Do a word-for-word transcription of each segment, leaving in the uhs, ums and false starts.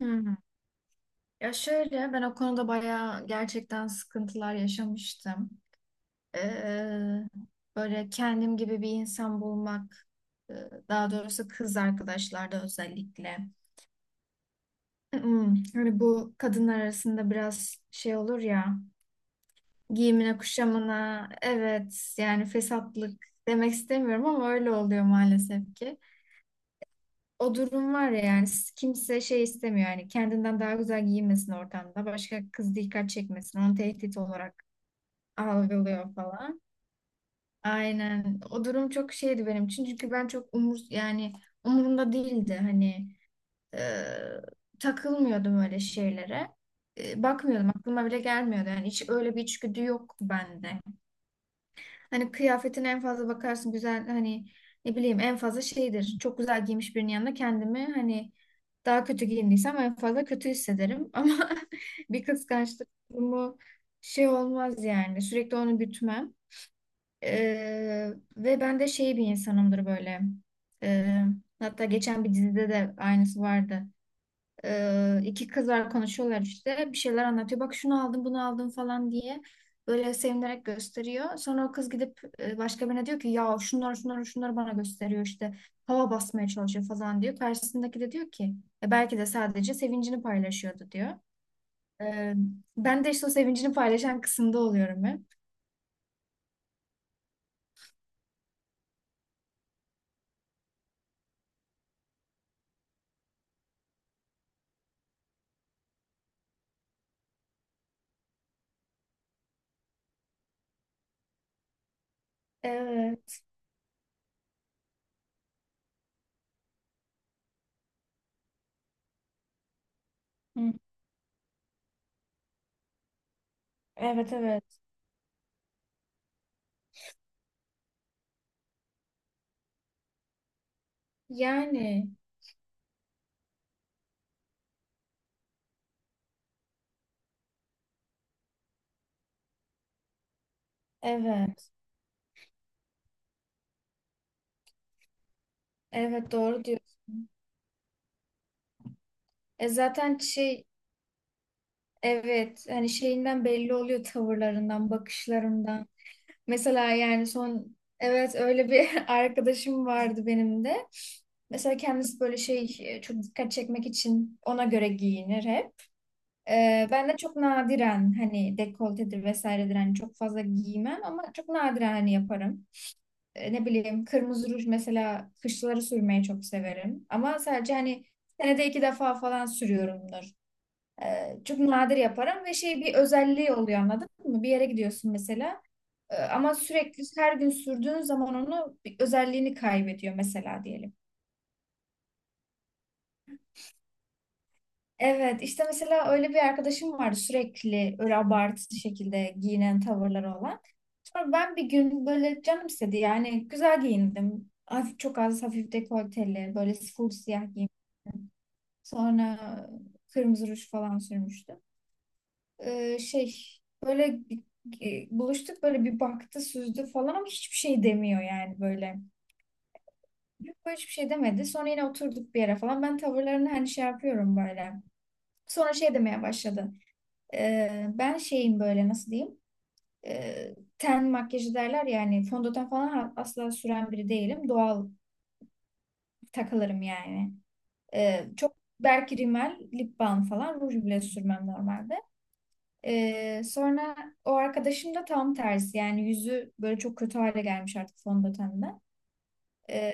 Hmm. Ya şöyle ben o konuda bayağı gerçekten sıkıntılar yaşamıştım. Ee, böyle kendim gibi bir insan bulmak, e, daha doğrusu kız arkadaşlarda özellikle. Hmm, Hani bu kadınlar arasında biraz şey olur ya, giyimine kuşamına, evet yani fesatlık demek istemiyorum ama öyle oluyor maalesef ki. O durum var ya, yani kimse şey istemiyor, yani kendinden daha güzel giyinmesin ortamda, başka kız dikkat çekmesin, onu tehdit olarak algılıyor falan. Aynen o durum çok şeydi benim için çünkü ben çok umur yani umurumda değildi, hani e, takılmıyordum öyle şeylere. E, bakmıyordum aklıma bile gelmiyordu. Yani hiç öyle bir içgüdü yok bende. Hani kıyafetine en fazla bakarsın, güzel hani ne bileyim en fazla şeydir. Çok güzel giymiş birinin yanında kendimi hani daha kötü giyindiysem en fazla kötü hissederim. Ama bir kıskançlık durumu şey olmaz yani. Sürekli onu gütmem. E, ve ben de şey bir insanımdır böyle. E, hatta geçen bir dizide de aynısı vardı. Ee, iki kız var, konuşuyorlar işte. Bir şeyler anlatıyor. Bak şunu aldım, bunu aldım falan diye. Böyle sevinerek gösteriyor. Sonra o kız gidip e, başka birine diyor ki ya şunları şunları şunları bana gösteriyor işte. Hava basmaya çalışıyor falan diyor. Karşısındaki de diyor ki: "E, belki de sadece sevincini paylaşıyordu," diyor. Ee, ben de işte o sevincini paylaşan kısımda oluyorum hep. Evet. Hı. Evet, evet. Yani evet. Evet, doğru diyorsun. E zaten şey. Evet, hani şeyinden belli oluyor, tavırlarından, bakışlarından. Mesela yani son evet öyle bir arkadaşım vardı benim de. Mesela kendisi böyle şey e, çok dikkat çekmek için ona göre giyinir hep. Ee, ben de çok nadiren hani dekoltedir vesairedir hani çok fazla giymem ama çok nadiren hani yaparım. Ee, ne bileyim kırmızı ruj mesela kışları sürmeyi çok severim. Ama sadece hani senede iki defa falan sürüyorumdur. Ee, çok nadir yaparım ve şey bir özelliği oluyor, anladın mı? Bir yere gidiyorsun mesela e, ama sürekli her gün sürdüğün zaman onu bir özelliğini kaybediyor mesela diyelim. Evet, işte mesela öyle bir arkadaşım vardı, sürekli öyle abartılı şekilde giyinen, tavırları olan. Sonra ben bir gün böyle canım istedi, yani güzel giyindim. Hafif, çok az hafif dekolteli, böyle full siyah giyim. Sonra kırmızı ruj falan sürmüştüm. Ee, şey böyle bir- e, buluştuk, böyle bir baktı, süzdü falan ama hiçbir şey demiyor yani böyle. Yok, böyle hiçbir şey demedi. Sonra yine oturduk bir yere falan. Ben tavırlarını hani şey yapıyorum böyle. Sonra şey demeye başladı. Ee, ben şeyim, böyle nasıl diyeyim? Ee, ten makyajı derler, yani fondöten falan ha- asla süren biri değilim. Doğal takılırım yani. Ee, çok belki rimel, lip balm falan, ruj bile sürmem normalde. Ee, sonra o arkadaşım da tam tersi, yani yüzü böyle çok kötü hale gelmiş artık fondötenden. Ee,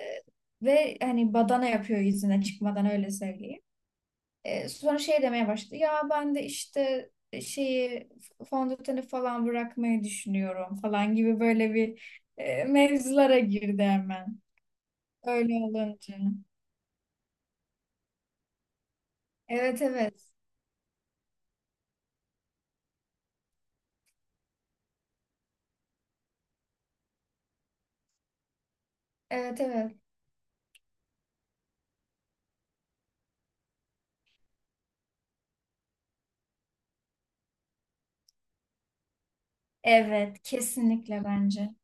ve hani badana yapıyor yüzüne, çıkmadan öyle söyleyeyim. Ee, sonra şey demeye başladı ya, ben de işte şeyi, fondöteni falan bırakmayı düşünüyorum falan gibi böyle bir e, mevzulara girdi hemen. Öyle olunca. Evet, evet. Evet, evet. Evet, kesinlikle bence.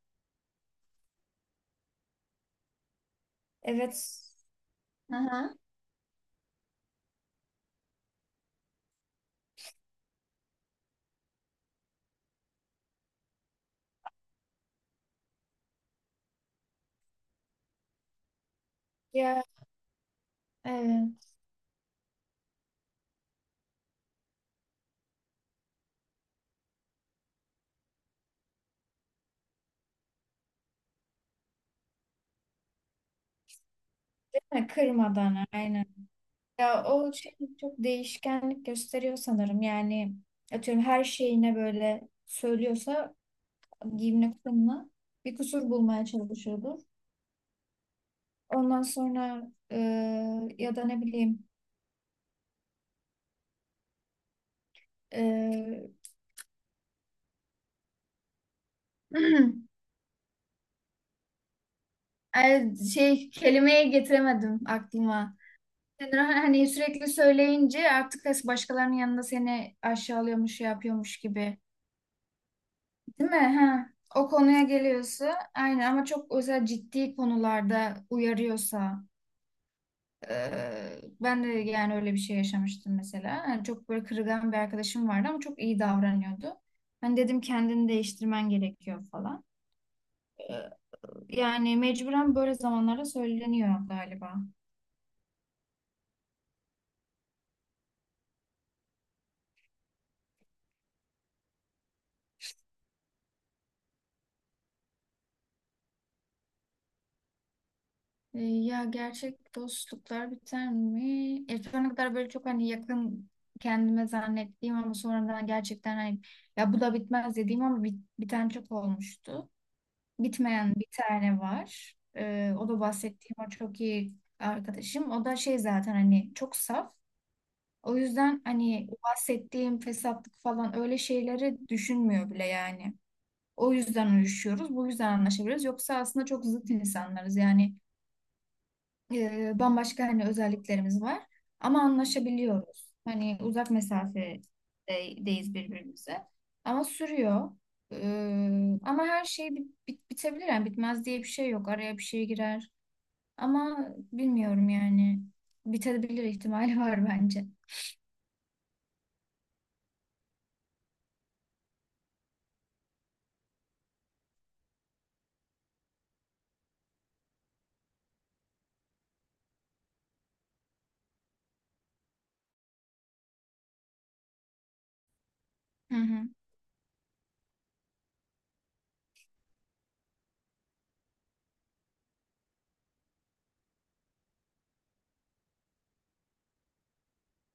Evet. Aha. Ya evet. Ha, kırmadan aynen. Ya o şey çok değişkenlik gösteriyor sanırım. Yani atıyorum her şeyine böyle söylüyorsa, giyimine kuşamına, bir kusur bulmaya çalışıyordur. Ondan sonra e, ya da ne bileyim e, ay, şey kelimeye getiremedim aklıma. Yani hani sürekli söyleyince artık başkalarının yanında seni aşağılıyormuş, şey yapıyormuş gibi. Değil mi? Ha. O konuya geliyorsa aynen, ama çok özel ciddi konularda uyarıyorsa, e, ben de yani öyle bir şey yaşamıştım mesela. Yani çok böyle kırılgan bir arkadaşım vardı ama çok iyi davranıyordu. Ben dedim kendini değiştirmen gerekiyor falan. E, yani mecburen böyle zamanlarda söyleniyor galiba. E, Ya gerçek dostluklar biter mi? E, şu ana kadar böyle çok hani yakın kendime zannettiğim ama sonradan gerçekten hani ya bu da bitmez dediğim ama bit- biten çok olmuştu. Bitmeyen bir tane var. E, o da bahsettiğim o çok iyi arkadaşım. O da şey zaten hani çok saf. O yüzden hani o bahsettiğim fesatlık falan öyle şeyleri düşünmüyor bile yani. O yüzden uyuşuyoruz. Bu yüzden anlaşabiliriz. Yoksa aslında çok zıt insanlarız yani e, bambaşka hani özelliklerimiz var ama anlaşabiliyoruz. Hani uzak mesafedeyiz birbirimize ama sürüyor. E, ama her şey bit- bit- bitebilir yani bitmez diye bir şey yok. Araya bir şey girer ama bilmiyorum yani bitebilir ihtimali var bence. Hı hı.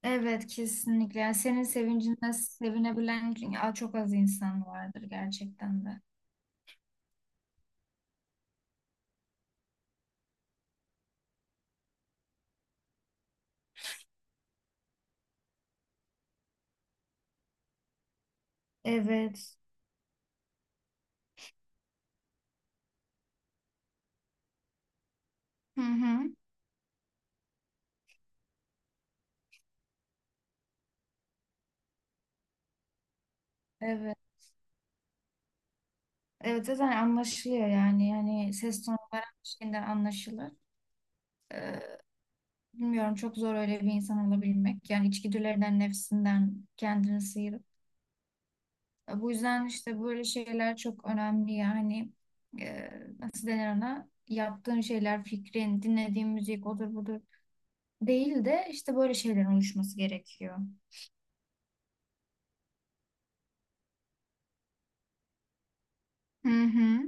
Evet, kesinlikle. Yani senin sevincine sevinebilen çok az insan vardır gerçekten de. Evet. Hı hı. Evet. Evet, zaten anlaşılıyor yani. Yani ses tonu veren bir şeyinden anlaşılır. Ee, bilmiyorum çok zor öyle bir insan olabilmek. Yani içgüdülerinden, nefsinden kendini sıyırıp. E, Bu yüzden işte böyle şeyler çok önemli yani. E, nasıl denir ona? Yaptığın şeyler, fikrin, dinlediğin müzik odur budur. Değil de işte böyle şeylerin oluşması gerekiyor. Hı hı.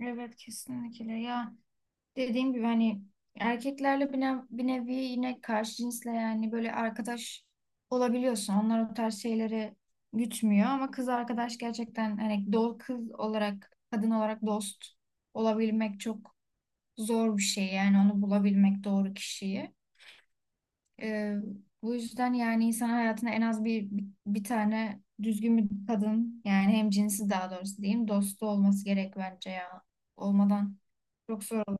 Evet, kesinlikle ya. dediğim gibi hani erkeklerle bir, ne- bir nevi yine karşı cinsle yani böyle arkadaş olabiliyorsun. Onlar o tarz şeyleri gütmüyor ama kız arkadaş gerçekten hani do kız olarak kadın olarak dost olabilmek çok zor bir şey yani onu bulabilmek doğru kişiyi. Ee, bu yüzden yani insan hayatına en az bir, bir, bir tane düzgün bir kadın yani hem cinsi daha doğrusu diyeyim dostu olması gerek bence ya. Olmadan çok zor olur.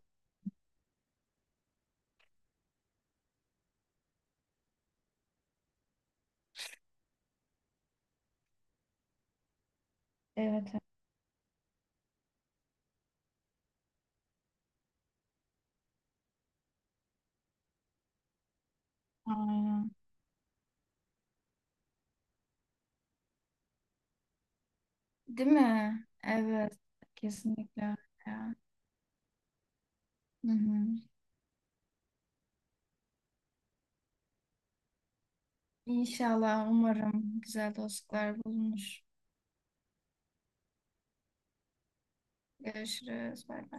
Evet. evet. Aynen. Değil mi? Evet, kesinlikle öyle ya. Hı hı. İnşallah, umarım güzel dostluklar bulunur. Görüşürüz, bay bay.